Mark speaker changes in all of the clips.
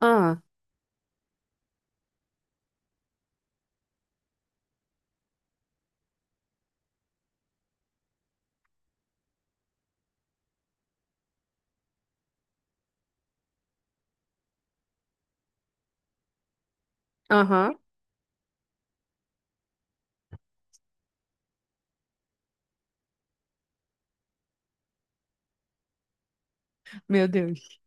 Speaker 1: Ah, aham. Meu Deus.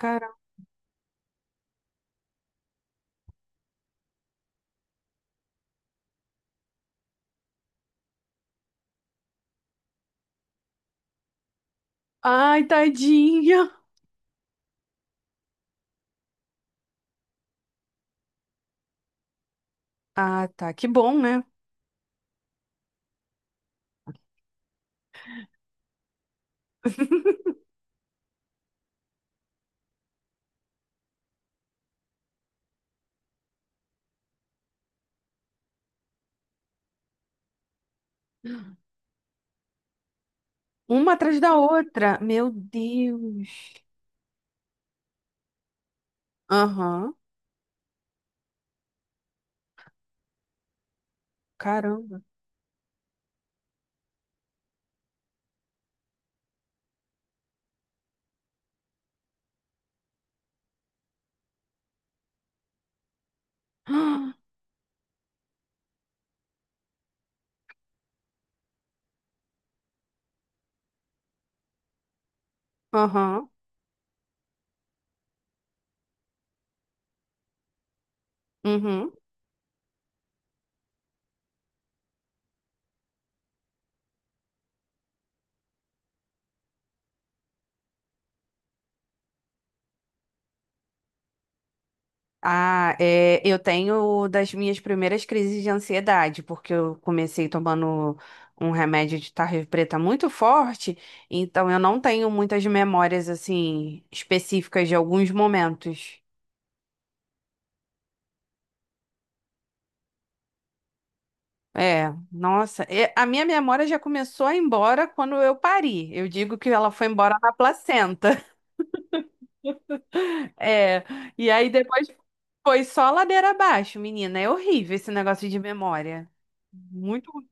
Speaker 1: Caramba. Ai, tadinha. Ah, tá. Que bom, né? Uma atrás da outra. Meu Deus. Aham. Caramba. Aham. Uhum. Ah, é, eu tenho das minhas primeiras crises de ansiedade, porque eu comecei tomando um remédio de tarja preta muito forte, então eu não tenho muitas memórias assim específicas de alguns momentos. É, nossa, é, a minha memória já começou a ir embora quando eu pari. Eu digo que ela foi embora na placenta. É, e aí depois foi só ladeira abaixo, menina. É horrível esse negócio de memória. Muito.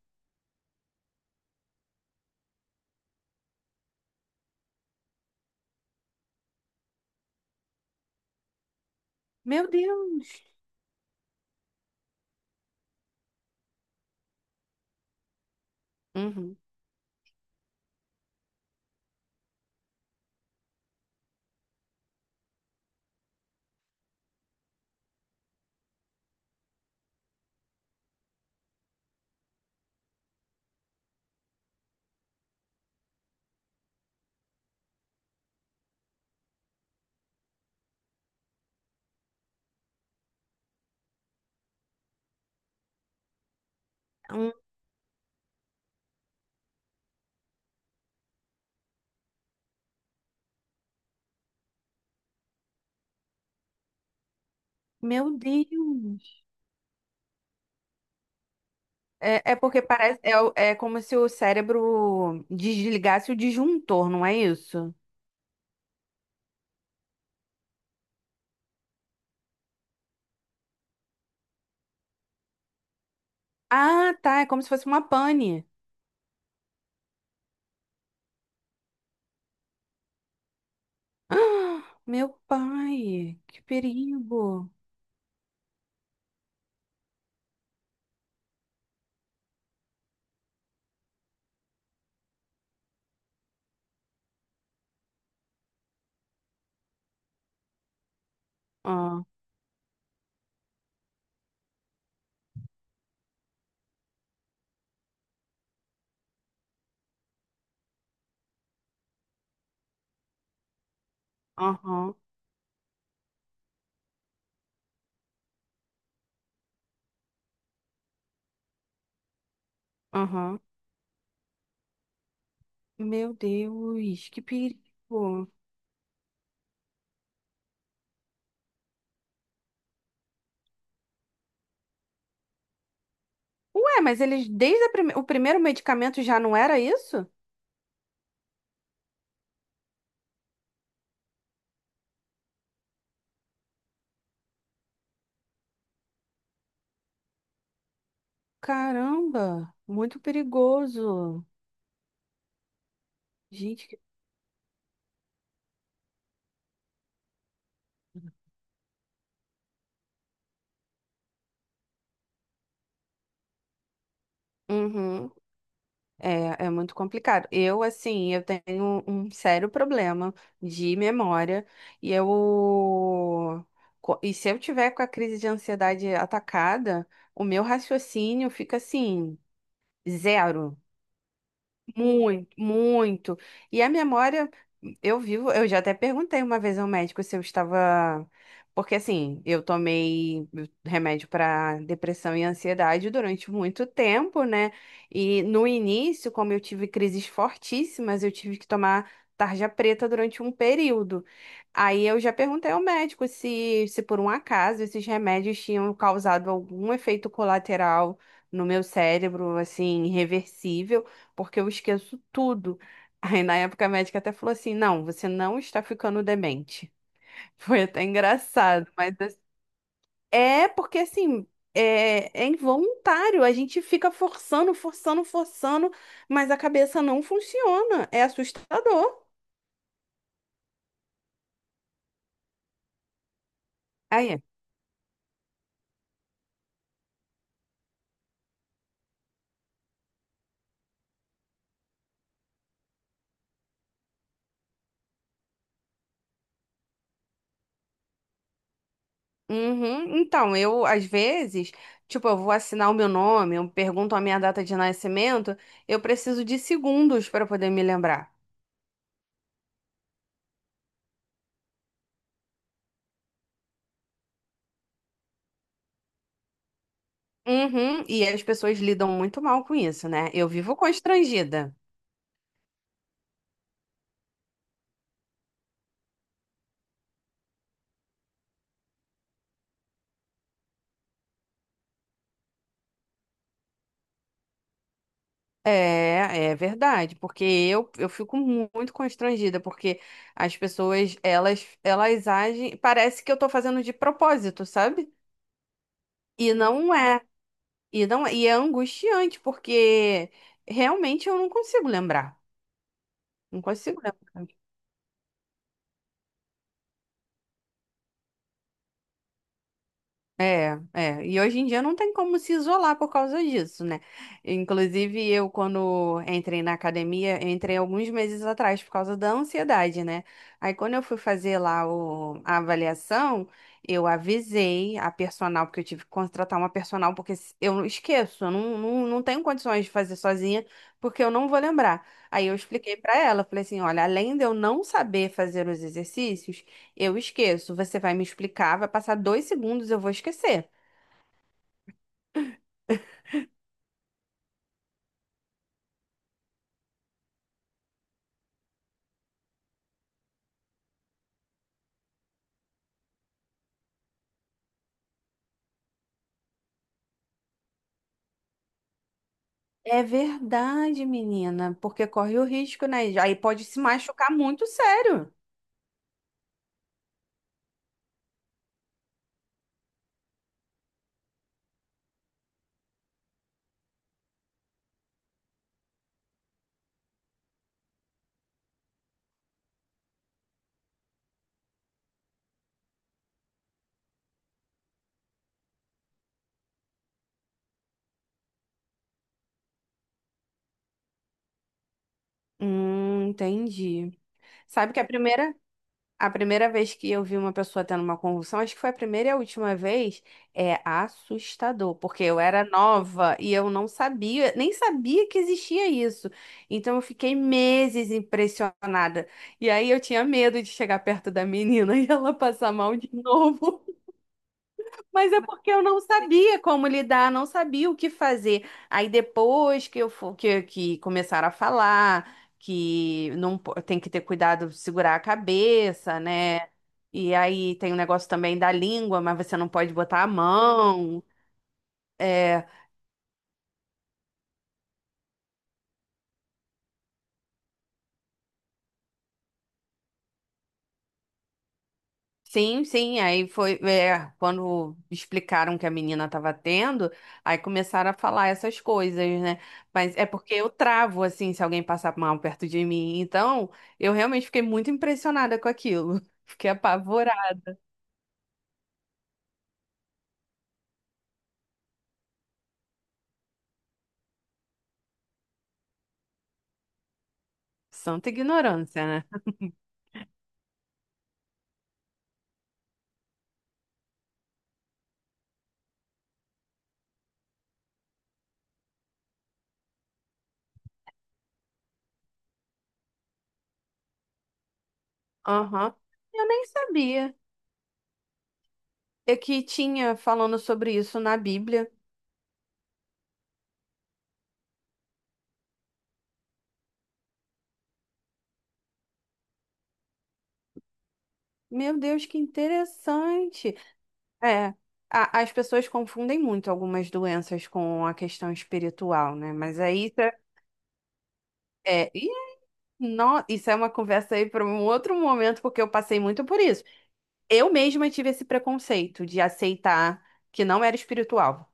Speaker 1: Meu Deus! Uhum. Hum, Meu Deus! É, é porque parece. É, é como se o cérebro desligasse o disjuntor, não é isso? Ah, tá. É como se fosse uma pane. Ah, meu pai, que perigo! Ah. Aham, aham. Meu Deus, que perigo. Ué, mas eles, desde a o primeiro medicamento já não era isso? Caramba, muito perigoso. Gente, que... Uhum. É, é muito complicado. Eu, assim, eu tenho um sério problema de memória e eu... E se eu tiver com a crise de ansiedade atacada, o meu raciocínio fica assim, zero. Muito, muito. E a memória, eu vivo, eu já até perguntei uma vez ao médico se eu estava. Porque assim, eu tomei remédio para depressão e ansiedade durante muito tempo, né? E no início, como eu tive crises fortíssimas, eu tive que tomar tarja preta durante um período. Aí eu já perguntei ao médico se, se por um acaso esses remédios tinham causado algum efeito colateral no meu cérebro, assim, irreversível porque eu esqueço tudo. Aí na época a médica até falou assim: não, você não está ficando demente. Foi até engraçado, mas assim, é porque assim. É, é involuntário, a gente fica forçando, mas a cabeça não funciona. É assustador. Aí, uhum. Então, eu, às vezes, tipo, eu vou assinar o meu nome, eu pergunto a minha data de nascimento, eu preciso de segundos para poder me lembrar. Uhum, e as pessoas lidam muito mal com isso, né? Eu vivo constrangida. É, é verdade, porque eu fico muito constrangida, porque as pessoas, elas agem, parece que eu tô fazendo de propósito, sabe? E não é, e não é, e é angustiante, porque realmente eu não consigo lembrar, não consigo lembrar. É, é. E hoje em dia não tem como se isolar por causa disso, né? Inclusive, eu, quando entrei na academia, eu entrei alguns meses atrás por causa da ansiedade, né? Aí, quando eu fui fazer lá a avaliação, eu avisei a personal, porque eu tive que contratar uma personal, porque eu não esqueço, eu não, não, não tenho condições de fazer sozinha, porque eu não vou lembrar. Aí, eu expliquei pra ela, falei assim: olha, além de eu não saber fazer os exercícios. Eu esqueço. Você vai me explicar, vai passar dois segundos, eu vou esquecer. É verdade, menina, porque corre o risco, né? Aí pode se machucar muito sério. Entendi. Sabe que a primeira. A primeira vez que eu vi uma pessoa tendo uma convulsão, acho que foi a primeira e a última vez, é assustador, porque eu era nova e eu não sabia, nem sabia que existia isso. Então eu fiquei meses impressionada. E aí eu tinha medo de chegar perto da menina e ela passar mal de novo. Mas é porque eu não sabia como lidar, não sabia o que fazer. Aí depois que eu for, que começaram a falar que não tem que ter cuidado, segurar a cabeça, né? E aí tem o negócio também da língua, mas você não pode botar a mão. É, sim, sim, aí foi, é, quando explicaram que a menina estava tendo, aí começaram a falar essas coisas, né? Mas é porque eu travo, assim, se alguém passar mal perto de mim. Então, eu realmente fiquei muito impressionada com aquilo. Fiquei apavorada. Santa ignorância, né? Aham. Eu nem sabia. É que tinha falando sobre isso na Bíblia. Meu Deus, que interessante. É. As pessoas confundem muito algumas doenças com a questão espiritual, né? Mas aí é, e isso é uma conversa aí para um outro momento, porque eu passei muito por isso. Eu mesma tive esse preconceito de aceitar que não era espiritual.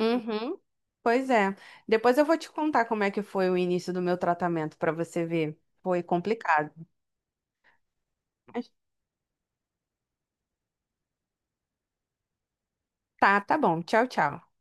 Speaker 1: Uhum. Pois é. Depois eu vou te contar como é que foi o início do meu tratamento para você ver. Foi complicado. Mas tá, tá bom. Tchau, tchau.